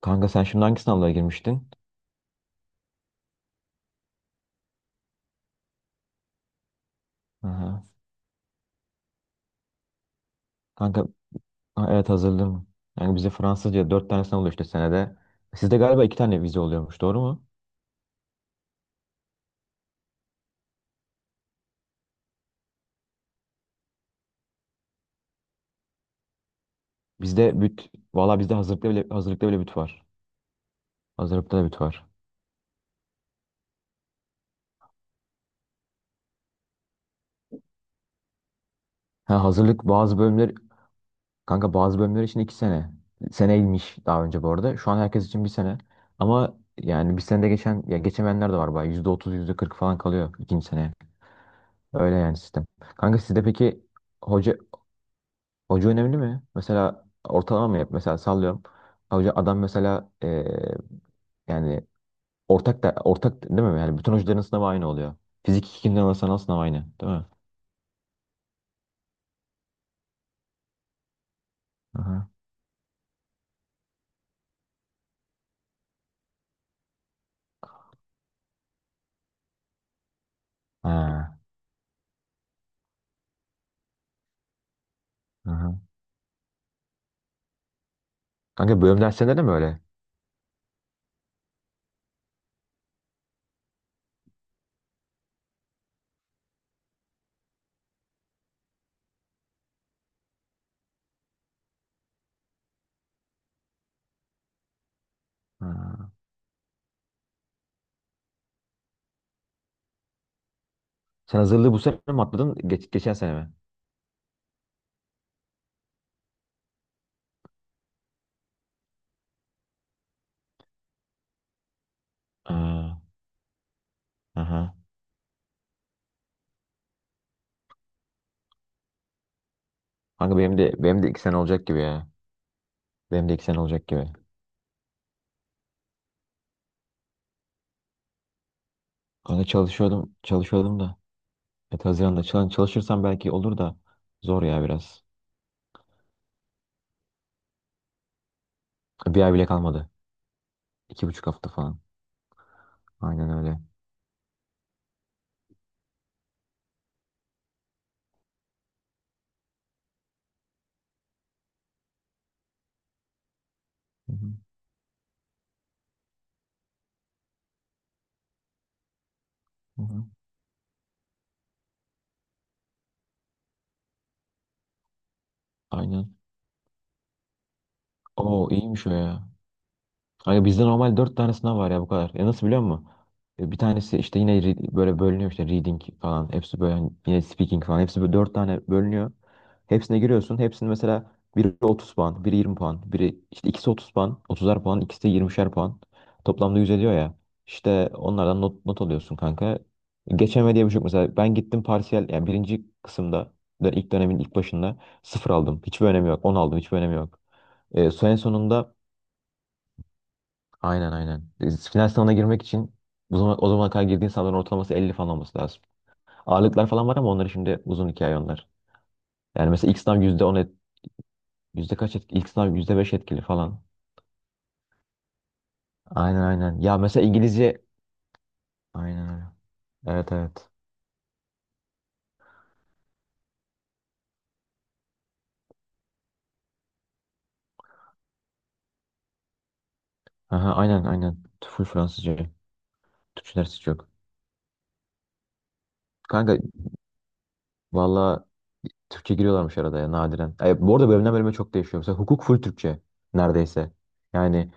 Kanka sen şimdi hangi sınavlara girmiştin? Aha. Kanka, ha, evet hazırladım. Yani bize Fransızca dört tane sınav oluyor işte senede. Sizde galiba iki tane vize oluyormuş, doğru mu? Bizde büt, valla bizde hazırlıkta bile, hazırlıkta bile büt var. Hazırlıkta da büt var. Ha, hazırlık bazı bölümler, kanka bazı bölümler için 2 sene. Seneymiş daha önce bu arada. Şu an herkes için 1 sene. Ama yani bir senede geçen, ya geçemeyenler de var bayağı. %30, %40 falan kalıyor ikinci sene. Öyle yani sistem. Kanka sizde peki, hoca Hoca önemli mi? Mesela ortalama mı yap? Mesela sallıyorum. Hoca adam mesela, yani ortak da ortak değil mi? Yani bütün hocaların sınavı aynı oluyor. Fizik 2'nin ana sanal sınavı aynı, değil mi? Aha. Ha. Aha. Kanka bölüm derslerinde de mi öyle? Ha. Sen hazırlığı bu sene mi atladın? Geçen sene mi? Ha. Aha. Kanka benim de iki sene olacak gibi ya. Benim de iki sene olacak gibi. Kanka çalışıyordum, çalışıyordum da. Evet, Haziran'da çalışırsam belki olur da zor ya biraz. 1 ay bile kalmadı. 2,5 hafta falan. Aynen öyle. Hı hı, hı hı. Aynen. Oo, iyiymiş o ya. Kanka bizde normal dört tane sınav var ya, bu kadar. Ya, nasıl biliyor musun? E, bir tanesi işte yine böyle bölünüyor işte, reading falan. Hepsi böyle hani yine speaking falan. Hepsi böyle dört tane bölünüyor. Hepsine giriyorsun. Hepsini mesela biri 30 puan, biri 20 puan, biri işte ikisi 30 puan, 30'ar puan, ikisi de 20'şer puan. Toplamda 100 ediyor ya. İşte onlardan not alıyorsun kanka. Geçeme diye bir şey yok. Mesela ben gittim parsiyel, yani birinci kısımda da ilk dönemin ilk başında sıfır aldım. Hiçbir önemi yok. 10 aldım. Hiçbir önemi yok. En sonunda. Aynen, aynen. E, final sınavına girmek için o zaman, o zamana kadar girdiğin sınavların ortalaması 50 falan olması lazım. Ağırlıklar falan var ama onları, şimdi uzun hikaye onlar. Yani mesela ilk sınav %10 et, yüzde kaç etkili? İlk sınav %5 etkili falan. Aynen, aynen. Ya mesela İngilizce aynen öyle. Evet, evet. Aha, aynen aynen. Full Fransızca. Türkçe dersi hiç yok. Kanka, valla, Türkçe giriyorlarmış arada ya, nadiren. E, bu arada bölümden bölüme çok değişiyor. Mesela hukuk full Türkçe neredeyse. Yani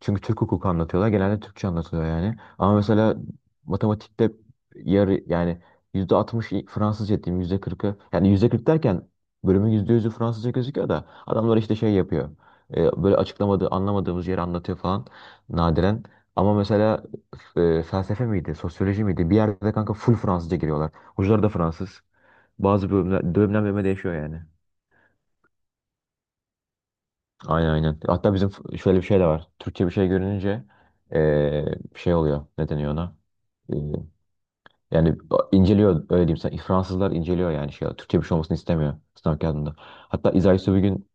çünkü Türk hukuku anlatıyorlar. Genelde Türkçe anlatılıyor yani. Ama mesela matematikte yarı, yani %60 Fransızca diyeyim, %40'ı. Yani %40 derken bölümün %100'ü Fransızca gözüküyor da adamlar işte şey yapıyor. E, böyle açıklamadığı, anlamadığımız yeri anlatıyor falan nadiren. Ama mesela, felsefe miydi, sosyoloji miydi? Bir yerde kanka full Fransızca giriyorlar. Hocalar da Fransız. Bazı bölümler, bölümden bölüme değişiyor yani. Aynen, aynen. Hatta bizim şöyle bir şey de var. Türkçe bir şey görününce şey oluyor. Ne deniyor ona? Eee, yani inceliyor, öyle diyeyim sana. Fransızlar inceliyor, yani şey. Türkçe bir şey olmasını istemiyor sınav kağıdında. Hatta İzahi bir gün...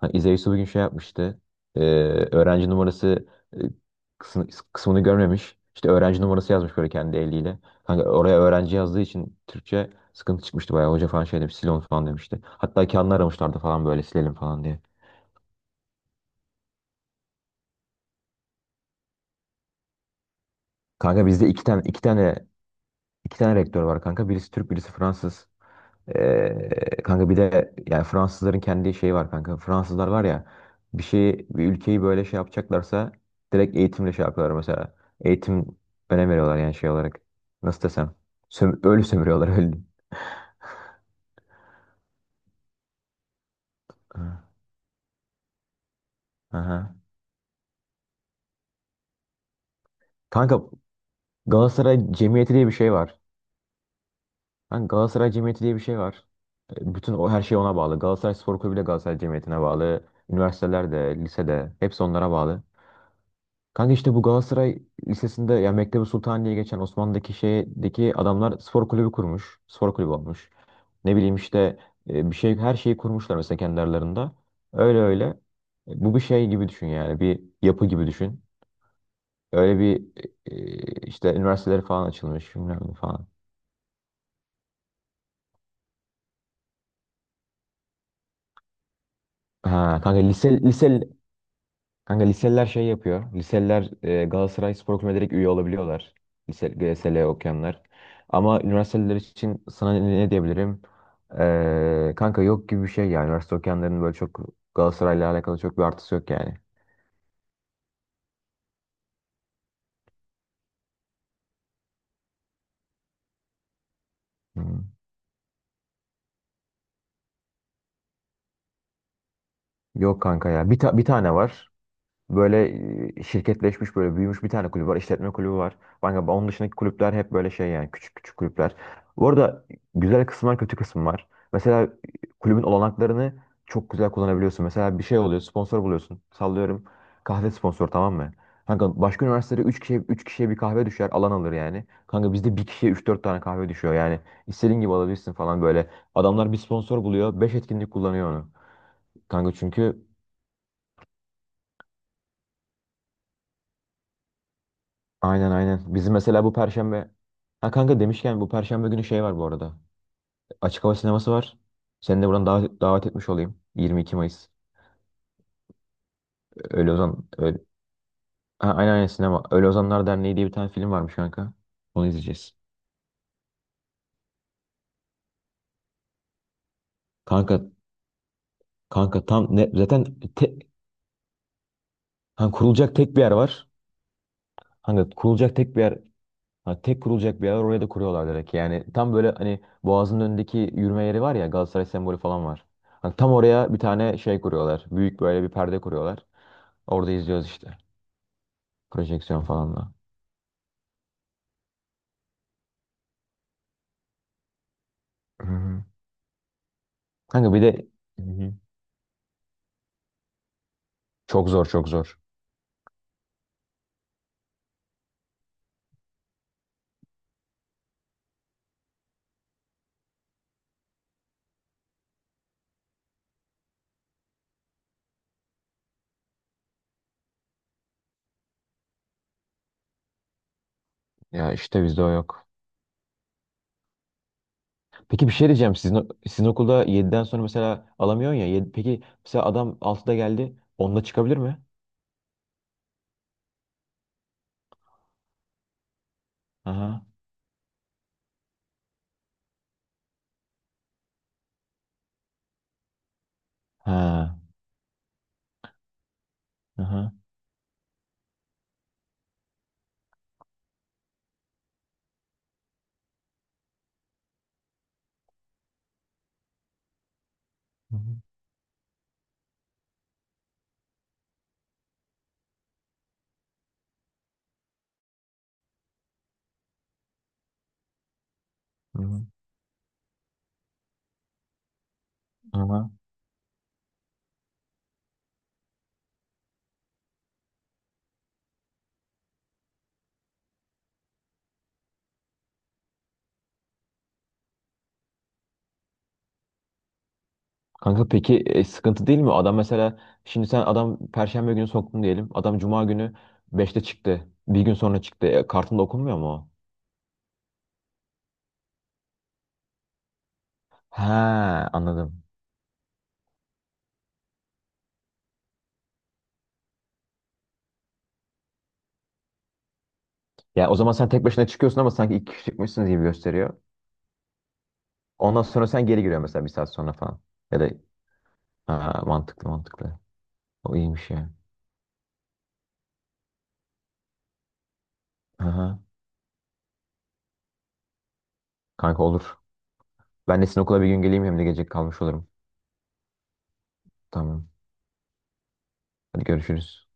Ha, İzey Su bugün şey yapmıştı. Ee, öğrenci numarası, e, kısmı- kısmını görmemiş. İşte öğrenci numarası yazmış böyle kendi eliyle. Kanka oraya öğrenci yazdığı için Türkçe sıkıntı çıkmıştı bayağı. Hoca falan şey demiş, sil onu falan demişti. Hatta kendini aramışlardı falan, böyle silelim falan diye. Kanka bizde iki tane rektör var kanka. Birisi Türk, birisi Fransız. Kanka bir de yani Fransızların kendi şeyi var kanka. Fransızlar var ya, bir şeyi, bir ülkeyi böyle şey yapacaklarsa direkt eğitimle şey yapıyorlar mesela. Eğitim önem veriyorlar yani şey olarak. Nasıl desem? Öyle sömürüyorlar, öyle. Hı. Aha. Kanka, Galatasaray Cemiyeti diye bir şey var. Kanka, Galatasaray Cemiyeti diye bir şey var. E, bütün o, her şey ona bağlı. Galatasaray Spor Kulübü de Galatasaray Cemiyeti'ne bağlı. Üniversiteler de, lise de, hepsi onlara bağlı. Kanka işte bu Galatasaray Lisesi'nde, ya Mektebi Sultan diye geçen Osmanlı'daki şeydeki adamlar spor kulübü kurmuş. Spor kulübü olmuş. Ne bileyim işte, bir şey, her şeyi kurmuşlar mesela kendi aralarında. Öyle öyle. E, bu bir şey gibi düşün yani. Bir yapı gibi düşün. Öyle bir e, e, işte üniversiteleri falan açılmış, bilmem ne falan. Ha kanka lise lise Kanka, liseliler şey yapıyor. Liseliler, Galatasaray Spor Kulübü'ne direkt üye olabiliyorlar. Lise, GSL okuyanlar. Ama üniversiteler için sana ne diyebilirim? Kanka yok gibi bir şey yani. Üniversite okuyanların böyle çok Galatasaray'la alakalı çok bir artısı yok yani. Hmm. Yok kanka ya. Bir tane var. Böyle, şirketleşmiş, böyle büyümüş bir tane kulüp var. İşletme kulübü var. Kanka onun dışındaki kulüpler hep böyle şey, yani küçük küçük kulüpler. Bu arada, güzel kısmı var, kötü kısmı var. Mesela, kulübün olanaklarını çok güzel kullanabiliyorsun. Mesela bir şey oluyor, sponsor buluyorsun. Sallıyorum, kahve sponsoru, tamam mı? Kanka başka üniversitede üç kişiye bir kahve düşer, alan alır yani. Kanka bizde bir kişiye üç dört tane kahve düşüyor yani. İstediğin gibi alabilirsin falan, böyle. Adamlar bir sponsor buluyor, 5 etkinlik kullanıyor onu. Kanka çünkü Aynen, aynen. Bizim mesela bu perşembe, ha kanka demişken, bu perşembe günü şey var bu arada. Açık hava sineması var. Seni de buradan davet etmiş olayım. 22 Mayıs. Öyle Ozan Öyle... Ha, aynen aynen, sinema. Öyle Ozanlar Derneği diye bir tane film varmış kanka. Onu izleyeceğiz. Kanka kanka tam ne zaten te... Ha, kurulacak tek bir yer var. Hani kurulacak tek bir yer ha, tek kurulacak bir yer var, oraya da kuruyorlar direkt. Yani tam böyle, hani Boğaz'ın önündeki yürüme yeri var ya, Galatasaray sembolü falan var. Hani tam oraya bir tane şey kuruyorlar. Büyük böyle bir perde kuruyorlar. Orada izliyoruz işte. Projeksiyon falan da. Hı hı. Kanka bir de Hı hı. Çok zor, çok zor. Ya işte bizde o yok. Peki bir şey diyeceğim. Sizin okulda 7'den sonra mesela alamıyorsun ya. Peki mesela adam 6'da geldi, 10'da çıkabilir mi? Aha. Ha. Aha. Hı hı. Hı hı. Aha. Kanka peki, sıkıntı değil mi? Adam mesela, şimdi sen adam Perşembe günü soktun diyelim. Adam Cuma günü 5'te çıktı. Bir gün sonra çıktı. E, kartında okunmuyor mu o? Ha, anladım. Ya, o zaman sen tek başına çıkıyorsun ama sanki iki kişi çıkmışsınız gibi gösteriyor. Ondan sonra sen geri giriyorsun mesela 1 saat sonra falan. Ya da ha, Mantıklı, mantıklı. O iyiymiş ya. Aha. Kanka olur. Ben de sizin okula bir gün geleyim, hem de gece kalmış olurum. Tamam. Hadi görüşürüz.